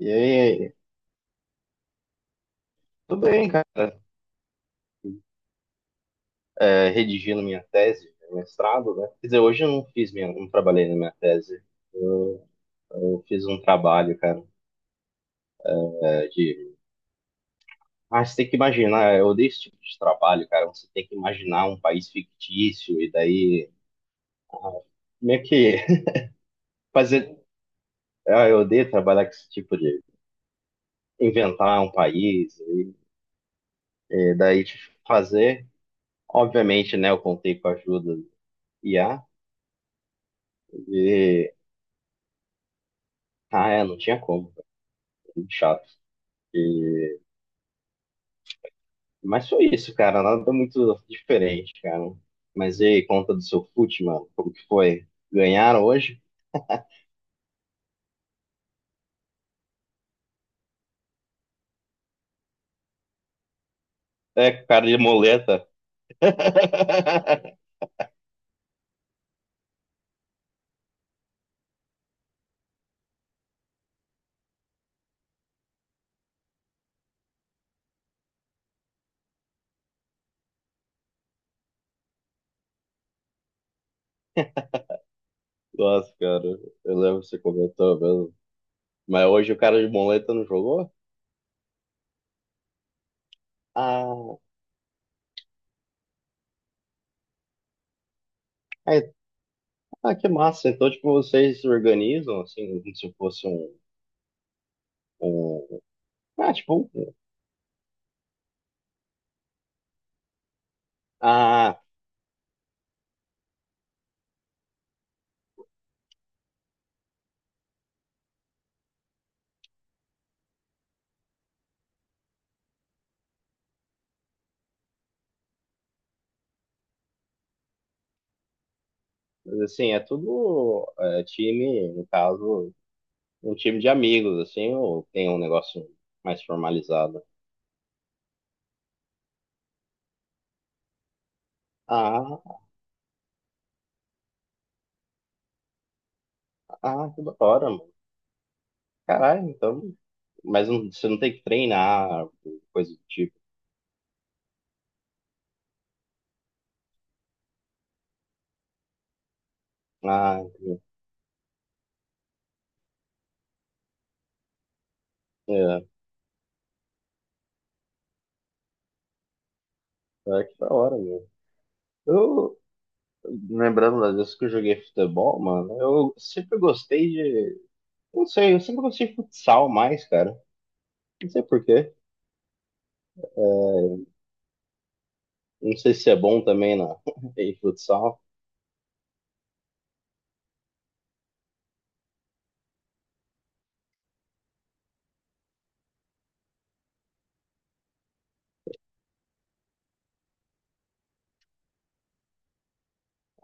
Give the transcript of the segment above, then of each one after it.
E aí, tudo bem, cara? É, redigindo minha tese, meu mestrado, né? Quer dizer, hoje eu não fiz minha, não trabalhei na minha tese. Eu, eu fiz um trabalho, cara, é, de. Ah, você tem que imaginar, eu odeio esse tipo de trabalho, cara. Você tem que imaginar um país fictício e daí. Ah, meio que fazer. Ah, eu odeio trabalhar com esse tipo de. Inventar um país e daí de fazer. Obviamente, né? Eu contei com a ajuda do IA e. Ah, é, não tinha como, cara, muito chato. E- Mas foi isso, cara. Nada muito diferente, cara. Mas e aí, conta do seu fute, mano? Como que foi? Ganharam hoje? É, cara de moleta. Nossa, cara. Eu lembro que você comentou mesmo. Mas hoje o cara de moleta não jogou? Ah, é, ah, que massa. Então, tipo, vocês se organizam, assim, como se fosse um... um- ah, tipo... um- Ah, mas assim, é tudo é, time, no caso um time de amigos, assim, ou tem um negócio mais formalizado? Ah, ah, que da hora, mano. Caralho, então. Mas não- você não tem que treinar, coisa do tipo. Ah, entendi. É, é que da hora, mesmo. Eu, lembrando das vezes que eu joguei futebol, mano, eu sempre gostei de. Não sei, eu sempre gostei de futsal mais, cara. Não sei por quê. Não sei se é bom também na, em futsal.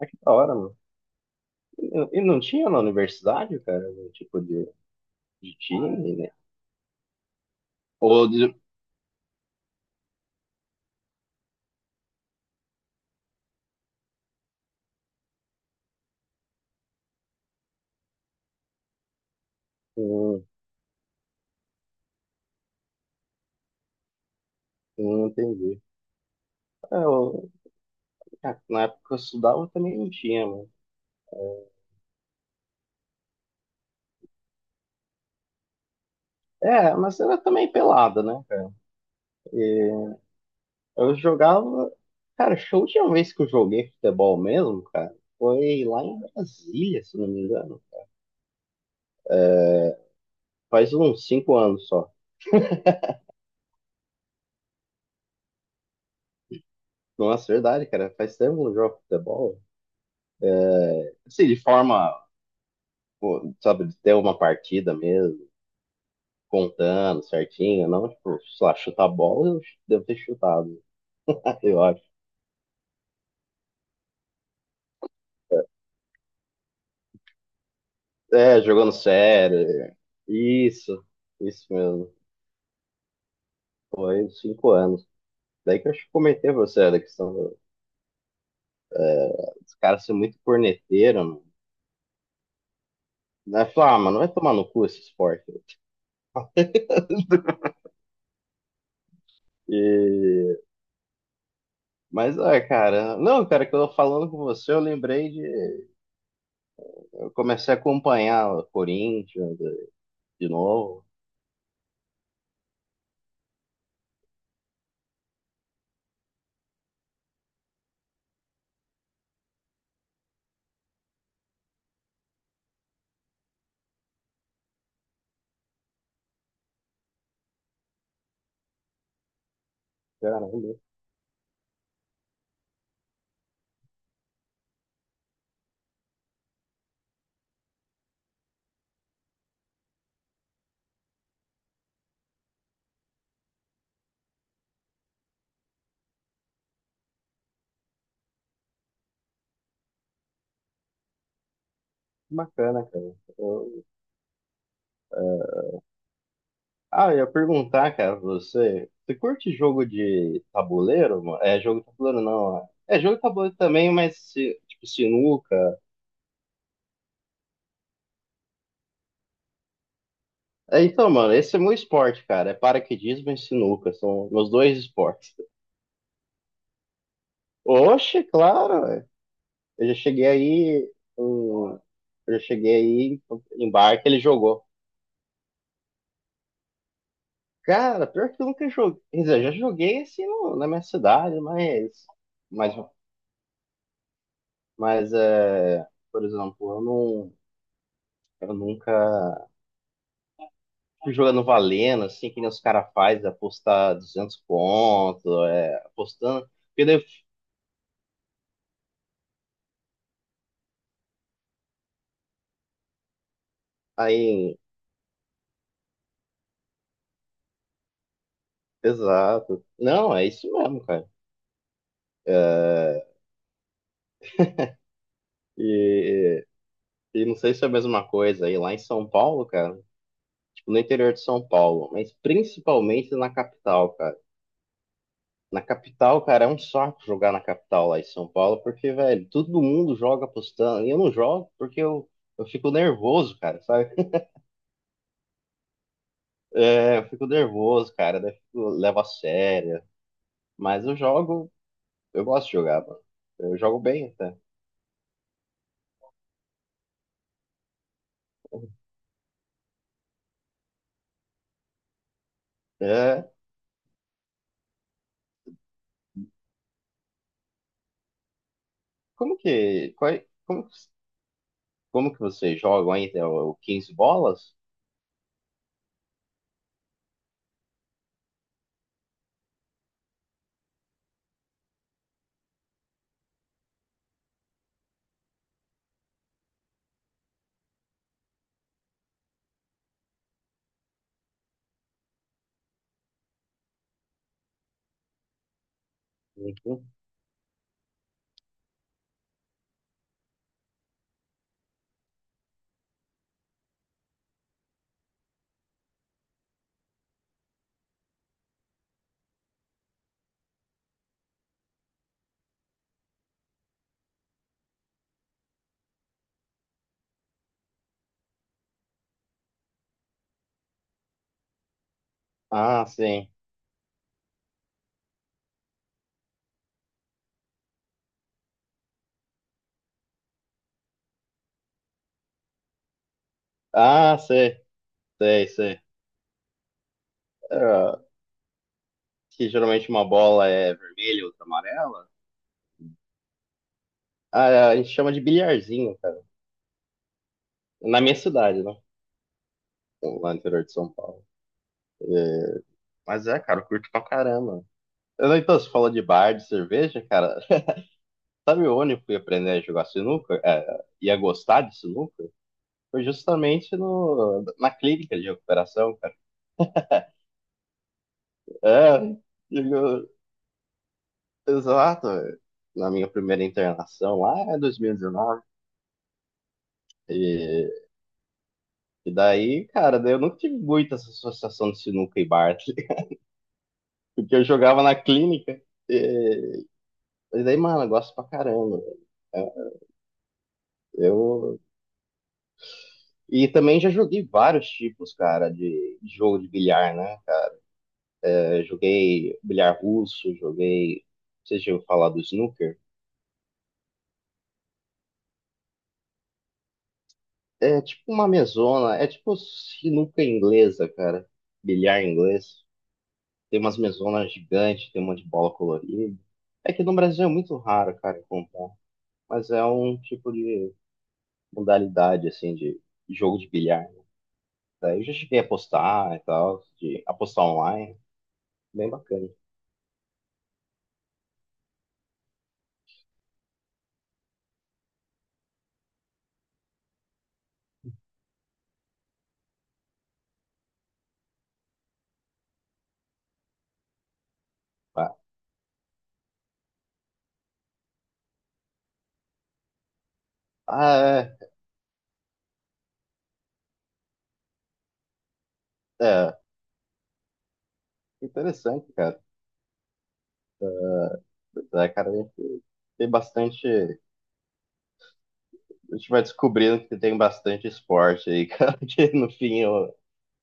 Que da hora, mano. E não tinha na universidade, cara, algum tipo de time, né? Ou de... Hum, não entendi. É, eu- é, na época que eu estudava também não tinha, mano. É, é, mas era também pelada, né, cara? E eu jogava. Cara, show de última vez que eu joguei futebol mesmo, cara, foi lá em Brasília, se não me engano. É, faz uns cinco anos só. Nossa, é verdade, cara. Faz tempo que eu não jogo futebol. É, assim, de forma, pô, sabe, de ter uma partida mesmo. Contando certinho, não, tipo, sei lá, chutar bola, eu devo ter chutado, eu acho. É, jogando sério, isso, isso mesmo. Foi cinco anos. Daí que eu acho que comentei pra você da questão do, é, dos caras ser muito corneteiro, mano. Né? Falar, ah, mano, vai tomar no cu esse esporte. E... Mas, ah, cara, não, cara, que eu tô falando com você, eu lembrei de. Eu comecei a acompanhar o Corinthians de novo. Cara, que bacana, cara. Eu, é, ah, eu ia perguntar, cara, pra você, você curte jogo de tabuleiro, mano? É jogo de tabuleiro não, ó. É jogo de tabuleiro também, mas se- tipo sinuca. É, então, mano, esse é meu esporte, cara, é paraquedismo e sinuca, são meus dois esportes. Oxe, claro, ué. Eu já cheguei aí, em- eu já cheguei aí em bar que ele jogou. Cara, pior que eu nunca joguei, quer dizer, eu já joguei assim no- na minha cidade, mas, mas é, por exemplo, eu não, eu nunca jogando valendo, assim, que nem os caras fazem, apostar 200 pontos, é, apostando. Porque daí, aí, exato. Não, é isso mesmo, cara. É, e, e não sei se é a mesma coisa aí lá em São Paulo, cara, tipo, no interior de São Paulo, mas principalmente na capital, cara. Na capital, cara, é um saco jogar na capital lá em São Paulo, porque, velho, todo mundo joga apostando. E eu não jogo porque eu fico nervoso, cara, sabe? É, eu fico nervoso, cara. Daí fico, levo a sério. Mas eu jogo, eu gosto de jogar, mano. Eu jogo bem até. É, como que, qual, é, como, como que vocês jogam ainda? O 15 bolas? Uhum. Ah, sim. Ah, sei, sei, sei. É, que geralmente uma bola é vermelha, outra amarela. Ah, é, a gente chama de bilharzinho, cara. Na minha cidade, né? Lá no interior de São Paulo. É, mas é, cara, eu curto pra caramba. Eu não- Então, você falou de bar, de cerveja, cara. Sabe onde eu fui aprender a jogar sinuca, é, e a gostar de sinuca? Foi justamente no, na clínica de recuperação, cara. É, digo, exato. Na minha primeira internação lá, em 2019. E, dezenove. E daí, cara, daí eu nunca tive muito essa associação de sinuca e Bartley, porque eu jogava na clínica. E, e daí, mano, eu gosto pra caramba. É, eu, e também já joguei vários tipos, cara, de jogo de bilhar, né? Eu joguei bilhar russo, joguei. Vocês já ouviram falar do snooker? É tipo uma mesona, é tipo sinuca inglesa, cara. Bilhar inglês. Tem umas mesonas gigantes, tem um monte de bola colorida. É que no Brasil é muito raro, cara, comprar. Mas é um tipo de modalidade, assim, de jogo de bilhar. Daí eu já cheguei a apostar e tal, de apostar online. Bem bacana. Ah, ah, é, é. Interessante, cara. É, cara, tem bastante a gente vai descobrindo que tem bastante esporte aí, cara, que no fim eu-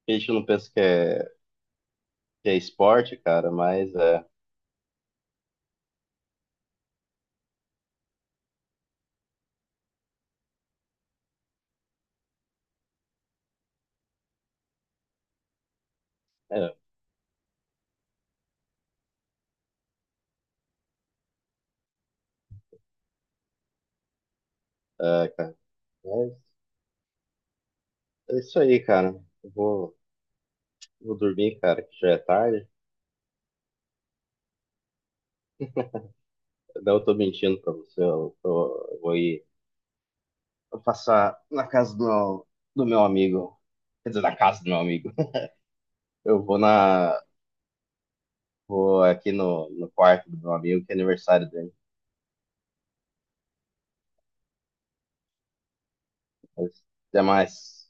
a gente não pensa que é esporte, cara, mas é, é, é, cara, mas é isso aí, cara, eu vou, vou dormir, cara, que já é tarde, não, eu tô mentindo pra você, eu, tô, eu vou ir eu passar na casa do, do meu amigo, quer dizer, na casa do meu amigo, eu vou na, vou aqui no, no quarto do meu amigo, que é aniversário dele, mas até mais.